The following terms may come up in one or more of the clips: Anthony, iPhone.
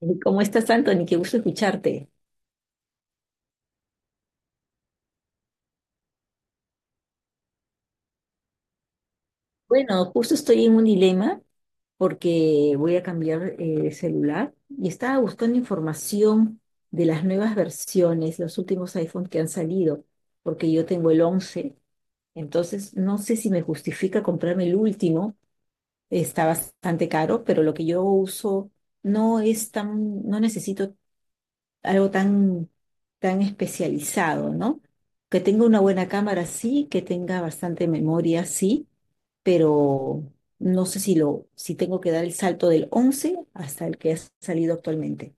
¿Cómo estás, Anthony? Qué gusto escucharte. Bueno, justo estoy en un dilema porque voy a cambiar de celular y estaba buscando información de las nuevas versiones, los últimos iPhone que han salido, porque yo tengo el once. Entonces no sé si me justifica comprarme el último. Está bastante caro, pero lo que yo uso no es tan, no necesito algo tan, tan especializado, ¿no? Que tenga una buena cámara, sí, que tenga bastante memoria, sí, pero no sé si lo, si tengo que dar el salto del once hasta el que ha salido actualmente.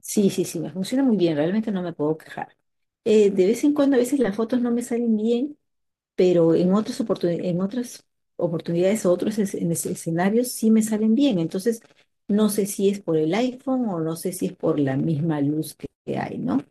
Sí, sí, sí, me funciona muy bien, realmente no me puedo quejar. De vez en cuando, a veces las fotos no me salen bien, pero en otras oportunidades, o otros escenarios sí me salen bien. Entonces, no sé si es por el iPhone o no sé si es por la misma luz que hay, ¿no?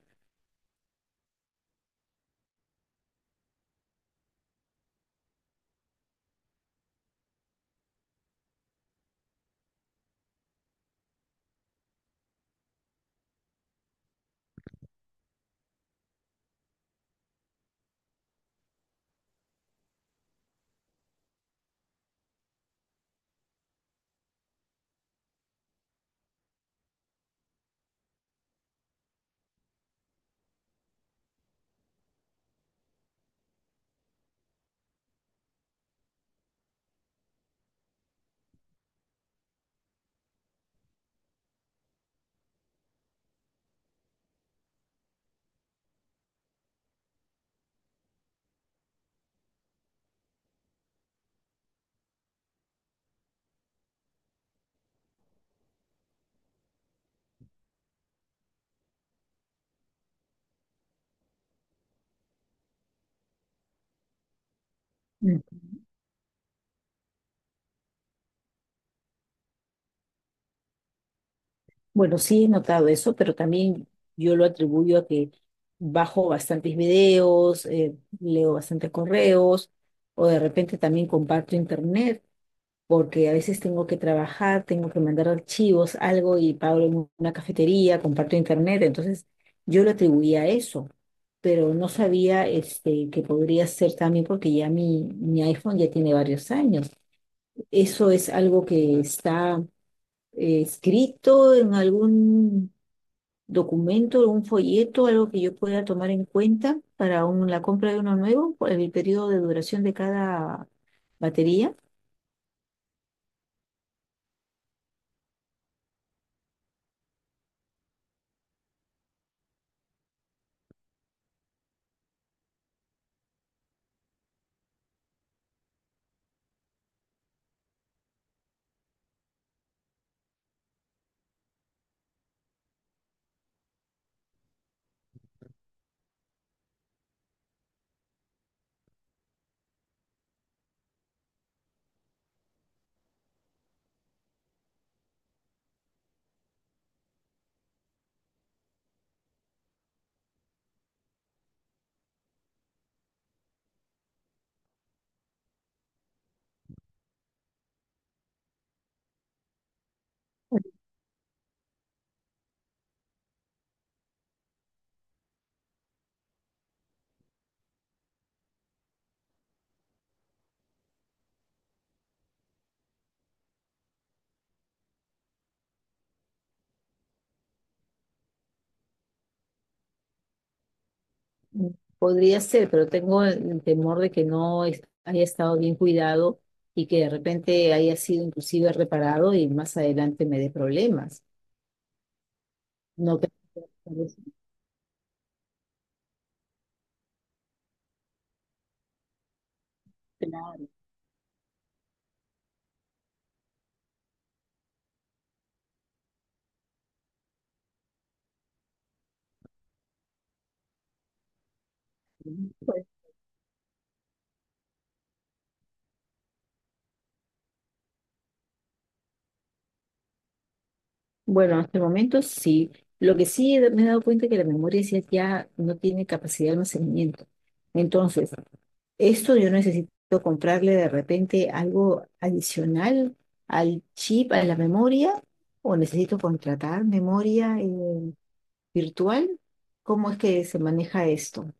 Mm. Bueno, sí he notado eso, pero también yo lo atribuyo a que bajo bastantes videos, leo bastantes correos, o de repente también comparto internet. Porque a veces tengo que trabajar, tengo que mandar archivos, algo y pago en una cafetería, comparto internet, entonces yo lo atribuía a eso, pero no sabía este, que podría ser también porque ya mi iPhone ya tiene varios años. Eso es algo que está escrito en algún documento, un folleto, algo que yo pueda tomar en cuenta para la compra de uno nuevo, por el periodo de duración de cada batería. Mm, podría ser, pero tengo el temor de que no es- haya estado bien cuidado y que de repente haya sido inclusive reparado y más adelante me dé problemas. No creo que sea eso. Claro. ¿No? Pues, bueno, hasta el momento sí. Lo que sí me he dado cuenta es que la memoria sí ya no tiene capacidad de almacenamiento. Entonces, esto yo necesito comprarle de repente algo adicional al chip, a la memoria, o necesito contratar memoria virtual. ¿Cómo es que se maneja esto?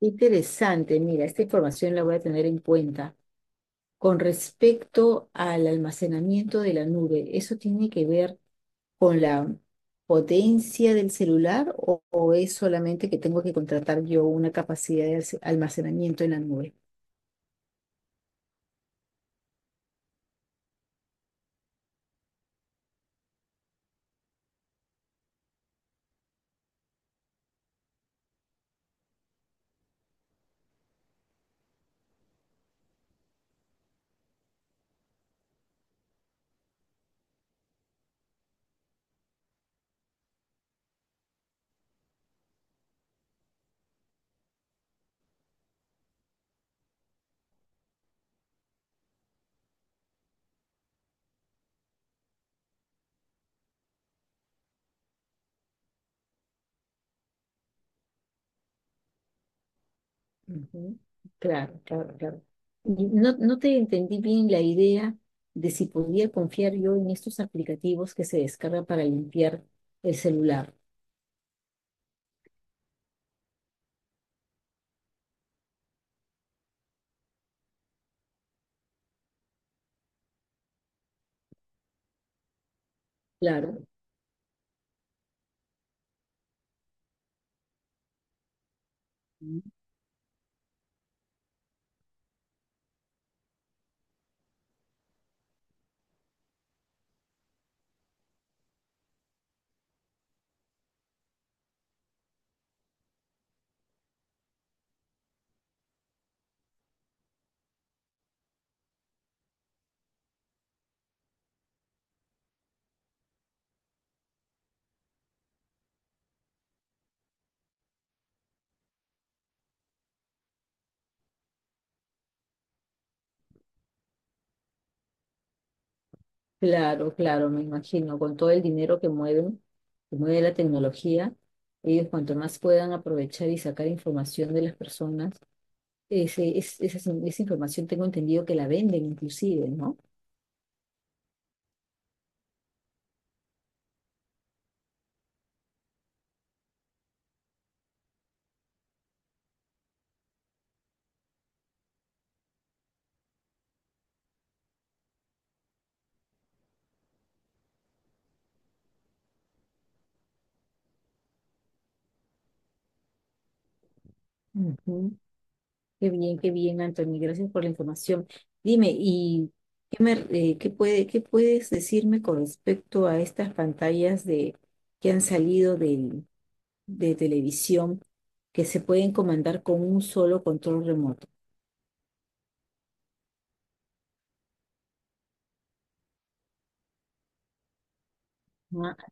Interesante, mira, esta información la voy a tener en cuenta. Con respecto al almacenamiento de la nube, ¿eso tiene que ver con la potencia del celular o es solamente que tengo que contratar yo una capacidad de almacenamiento en la nube? Ujú. Claro, claro, claro. Y no, no te entendí bien la idea de si podía confiar yo en estos aplicativos que se descargan para limpiar el celular. Claro, claro, claro, me imagino, con todo el dinero que mueven, que mueve la tecnología, ellos cuanto más puedan aprovechar y sacar información de las personas, ese, esa, esa información tengo entendido que la venden inclusive, ¿no? Ujú. Qué bien, Anthony, gracias por la información. Dime, ¿y qué puedes decirme con respecto a estas pantallas de, que han salido de televisión que se pueden comandar con un solo control remoto? Ah,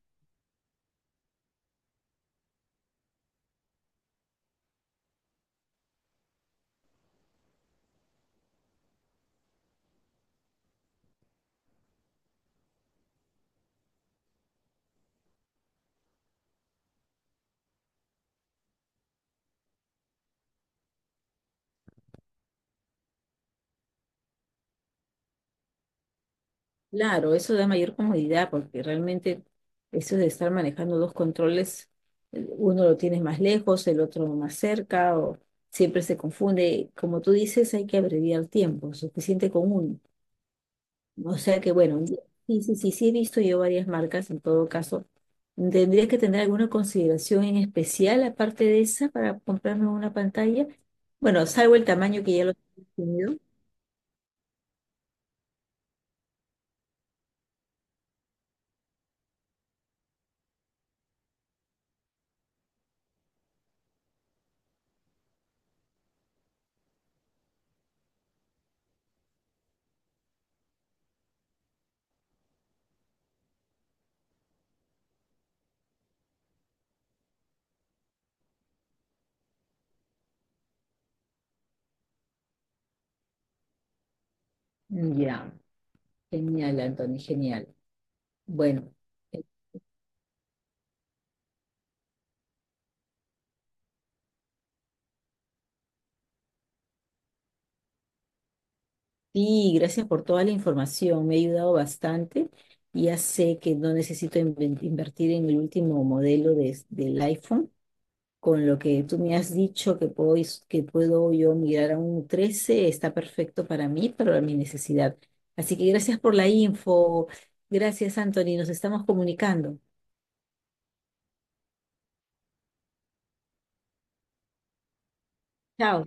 claro, eso da mayor comodidad porque realmente eso de estar manejando dos controles, uno lo tienes más lejos, el otro más cerca, o siempre se confunde. Como tú dices, hay que abreviar tiempo, suficiente con uno. O sea que bueno, sí, sí, sí, sí he visto yo varias marcas en todo caso. ¿Tendría que tener alguna consideración en especial aparte de esa para comprarme una pantalla? Bueno, salvo el tamaño que ya lo he tenido. Ya, genial, Anthony, genial. Bueno. Sí, gracias por toda la información, me ha ayudado bastante. Ya sé que no necesito invertir en el último modelo del iPhone. Con lo que tú me has dicho que que puedo yo migrar a un 13, está perfecto para mí, para mi necesidad. Así que gracias por la info. Gracias, Anthony. Nos estamos comunicando. Chao.